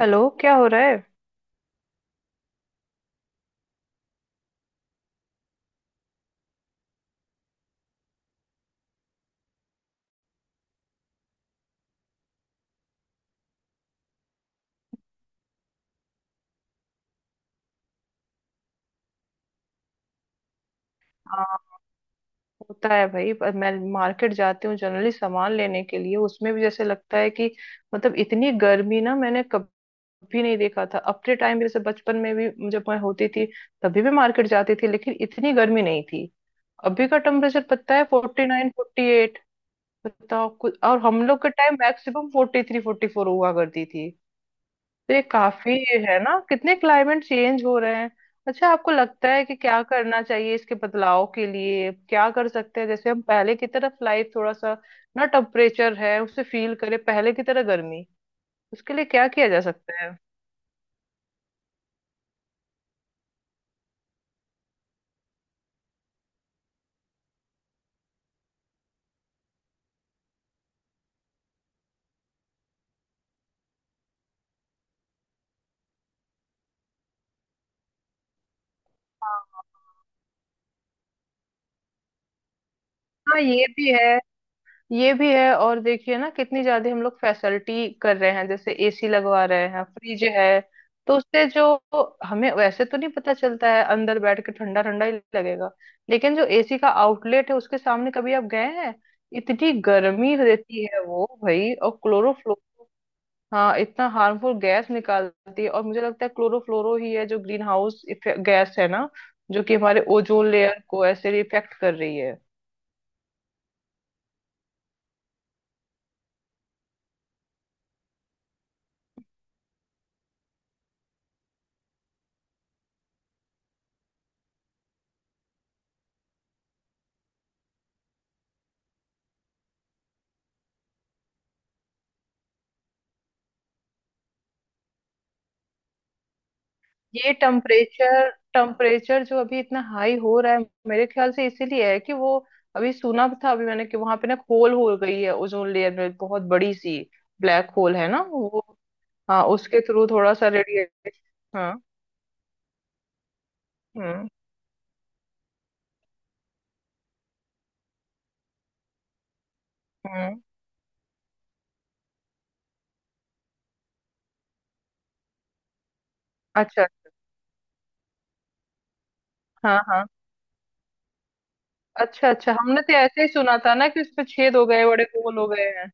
Hello, क्या हो रहा है। हाँ। होता है भाई, पर मैं मार्केट जाती हूँ जनरली सामान लेने के लिए। उसमें भी जैसे लगता है कि मतलब इतनी गर्मी ना मैंने कभी नहीं देखा था अपने टाइम में। जैसे बचपन में भी जब मैं होती थी तभी भी मार्केट जाती थी लेकिन इतनी गर्मी नहीं थी। अभी का टेम्परेचर पता है? 49, 48। बताओ। कुछ और हम लोग के टाइम मैक्सिमम 43 44 हुआ करती थी। तो ये काफी है ना, कितने क्लाइमेट चेंज हो रहे हैं। अच्छा, आपको लगता है कि क्या करना चाहिए इसके बदलाव के लिए, क्या कर सकते हैं? जैसे हम पहले की तरह लाइफ थोड़ा सा ना, टेम्परेचर है उसे फील करें पहले की तरह गर्मी, उसके लिए क्या किया जा सकता है? हाँ। हाँ, ये भी है। ये भी है और देखिए ना कितनी ज्यादा हम लोग फैसिलिटी कर रहे हैं, जैसे एसी लगवा रहे हैं, फ्रिज है। तो उससे जो हमें वैसे तो नहीं पता चलता है, अंदर बैठ के ठंडा ठंडा ही लगेगा, लेकिन जो एसी का आउटलेट है उसके सामने कभी आप गए हैं? इतनी गर्मी देती है वो भाई। और क्लोरोफ्लो, हाँ, इतना हार्मफुल गैस निकालती है। और मुझे लगता है क्लोरोफ्लोरो ही है जो ग्रीन हाउस गैस है ना, जो कि हमारे ओजोन लेयर को ऐसे इफेक्ट कर रही है। ये टेम्परेचर टेम्परेचर जो अभी इतना हाई हो रहा है मेरे ख्याल से इसीलिए है कि वो अभी सुना था, अभी मैंने कि वहां पे ना होल हो गई है ओजोन लेयर में, बहुत बड़ी सी ब्लैक होल है ना वो। हाँ, उसके थ्रू थोड़ा सा रेडिएट। हाँ। हम्म। हम्म। अच्छा। हाँ हाँ। अच्छा अच्छा, हमने तो ऐसे ही सुना था ना कि उसपे छेद हो गए, बड़े होल हो गए हैं।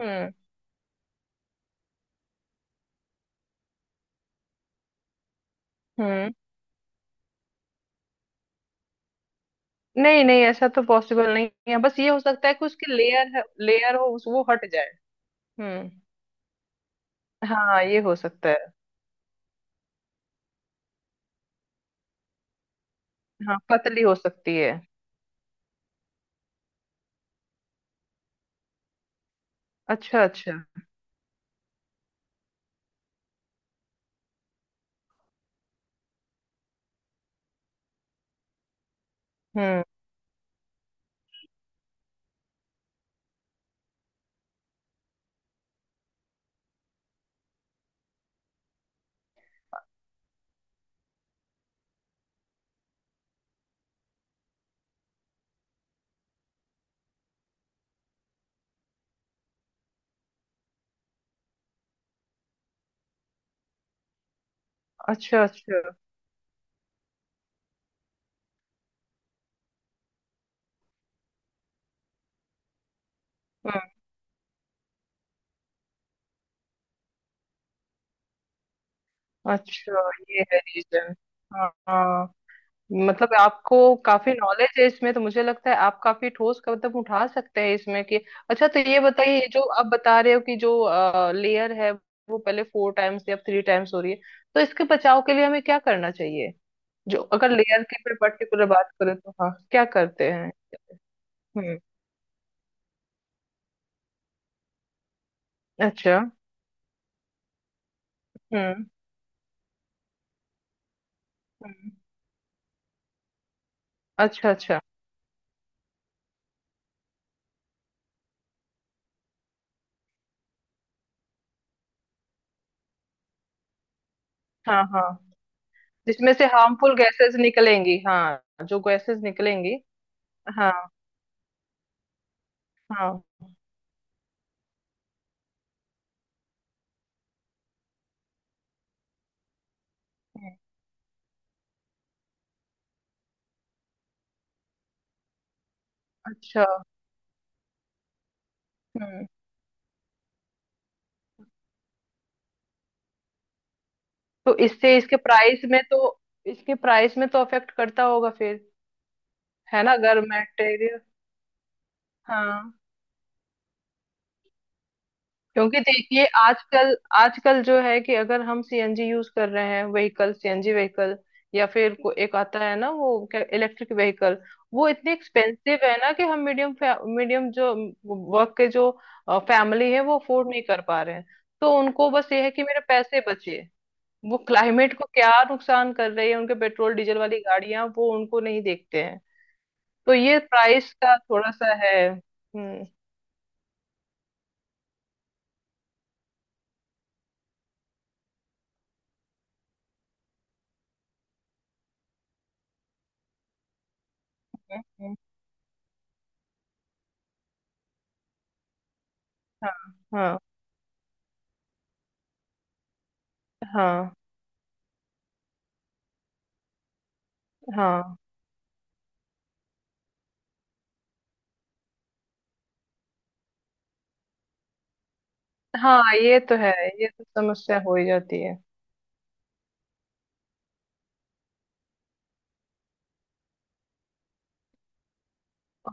हम्म। हम्म। नहीं नहीं, ऐसा तो पॉसिबल नहीं है। बस ये हो सकता है कि उसकी लेयर है, वो हट जाए। हम्म। हाँ, ये हो सकता है। हाँ, पतली हो सकती है। अच्छा अच्छा। हम्म। अच्छा अच्छा। हम्म। अच्छा ये है रीजन। हाँ हाँ। मतलब आपको काफी नॉलेज है इसमें, तो मुझे लगता है आप काफी ठोस कदम उठा सकते हैं इसमें कि अच्छा तो ये बताइए, ये जो आप बता रहे हो कि जो लेयर है वो पहले 4 टाइम्स या 3 टाइम्स हो रही है, तो इसके बचाव के लिए हमें क्या करना चाहिए? जो अगर लेयर की पर पर्टिकुलर बात करें तो हाँ, क्या करते हैं? हम्म। अच्छा। हम्म। हम्म। अच्छा अच्छा। हाँ हाँ। जिसमें से हार्मफुल गैसेस निकलेंगी, हाँ, जो गैसेस निकलेंगी। हाँ। हाँ। हम्म, अच्छा। हम्म। तो इससे इसके प्राइस में तो इसके प्राइस में तो अफेक्ट करता होगा फिर, है ना? अगर मटेरियल, हाँ। क्योंकि देखिए आजकल आजकल जो है कि अगर हम सीएनजी यूज कर रहे हैं, व्हीकल सीएनजी व्हीकल, या फिर को एक आता है ना वो क्या, इलेक्ट्रिक व्हीकल, वो इतने एक्सपेंसिव है ना कि हम मीडियम मीडियम जो वर्क के जो फैमिली है वो अफोर्ड नहीं कर पा रहे हैं। तो उनको बस ये है कि मेरे पैसे बचे, वो क्लाइमेट को क्या नुकसान कर रही है उनके पेट्रोल डीजल वाली गाड़ियां वो उनको नहीं देखते हैं। तो ये प्राइस का थोड़ा सा है। हम्म। हम्म, हाँ हाँ हाँ। हाँ। हाँ, ये तो है। ये तो समस्या हो ही जाती है।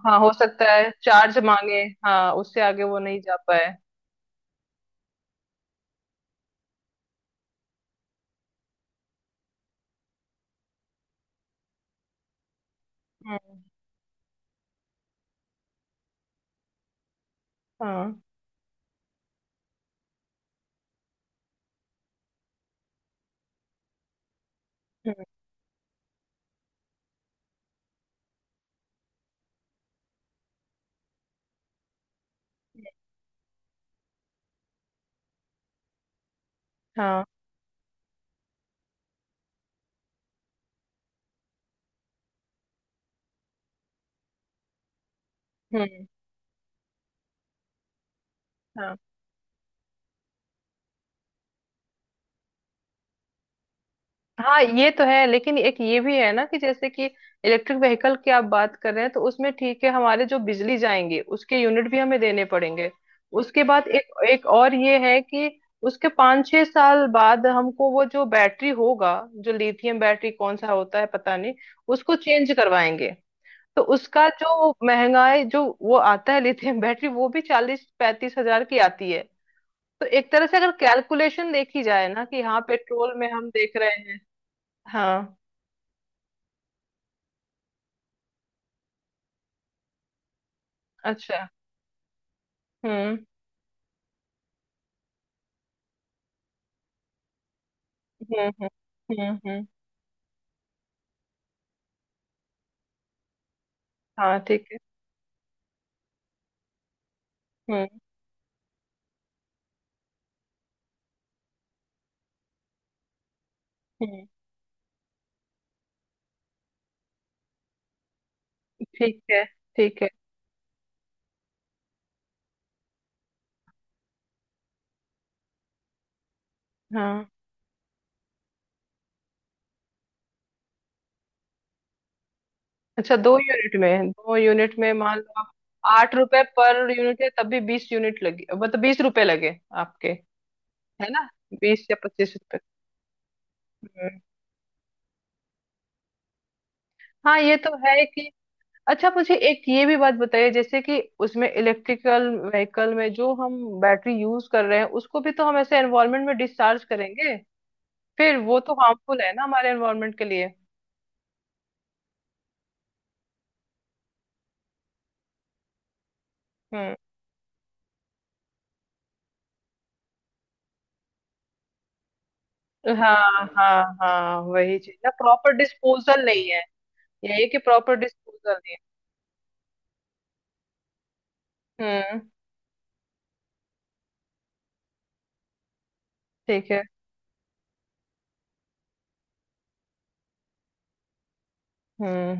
हाँ, हो सकता है चार्ज मांगे, हाँ, उससे आगे वो नहीं जा पाए। हम्म। हाँ। हम्म। हाँ। हम्म। हाँ। हाँ ये तो है, लेकिन एक ये भी है ना कि जैसे कि इलेक्ट्रिक व्हीकल की आप बात कर रहे हैं, तो उसमें ठीक है हमारे जो बिजली जाएंगे उसके यूनिट भी हमें देने पड़ेंगे। उसके बाद एक एक और ये है कि उसके 5-6 साल बाद हमको वो जो बैटरी होगा, जो लिथियम बैटरी कौन सा होता है पता नहीं, उसको चेंज करवाएंगे। तो उसका जो महंगाई जो वो आता है, लिथियम बैटरी वो भी 40-35 हजार की आती है। तो एक तरह से अगर कैलकुलेशन देखी जाए ना कि हाँ पेट्रोल में हम देख रहे हैं। हाँ। अच्छा। हम्म हम्म हम्म हम्म हम्म, हाँ ठीक है। हम्म। हम्म। ठीक है। ठीक है। हाँ, अच्छा, 2 यूनिट में, 2 यूनिट में मान लो आप 8 रुपए पर यूनिट है तब भी 20 यूनिट लगे, मतलब 20 रुपए लगे आपके, है ना? 20 या 25 रुपए। हम्म। हाँ, ये तो है कि अच्छा मुझे एक ये भी बात बताइए जैसे कि उसमें इलेक्ट्रिकल व्हीकल में जो हम बैटरी यूज कर रहे हैं उसको भी तो हम ऐसे एनवायरनमेंट में डिस्चार्ज करेंगे, फिर वो तो हार्मफुल है ना हमारे एनवायरनमेंट के लिए। हम्म। हाँ हाँ हाँ, वही चीज ना, प्रॉपर डिस्पोजल नहीं है। यही कि प्रॉपर डिस्पोजल नहीं है। हम्म। ठीक है। हम्म।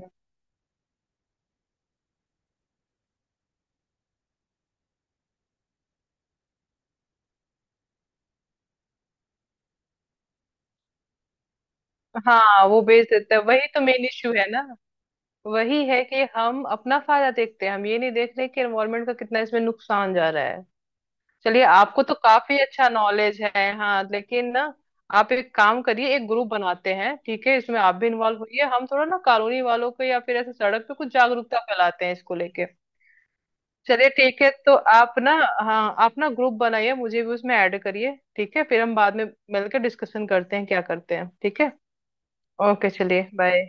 हाँ वो बेच देते हैं, वही तो मेन इश्यू है ना। वही है कि हम अपना फायदा देखते हैं, हम ये नहीं देख रहे कि एनवायरनमेंट का कितना इसमें नुकसान जा रहा है। चलिए, आपको तो काफी अच्छा नॉलेज है। हाँ लेकिन ना आप एक काम करिए, एक ग्रुप बनाते हैं, ठीक है, इसमें आप भी इन्वॉल्व होइए, हम थोड़ा ना कॉलोनी वालों को या फिर ऐसे सड़क पे कुछ जागरूकता फैलाते हैं इसको लेके। चलिए ठीक है, तो आप ना, हाँ आप ना ग्रुप बनाइए, मुझे भी उसमें ऐड करिए, ठीक है फिर हम बाद में मिलकर डिस्कशन करते हैं क्या करते हैं, ठीक है? ओके, चलिए, बाय।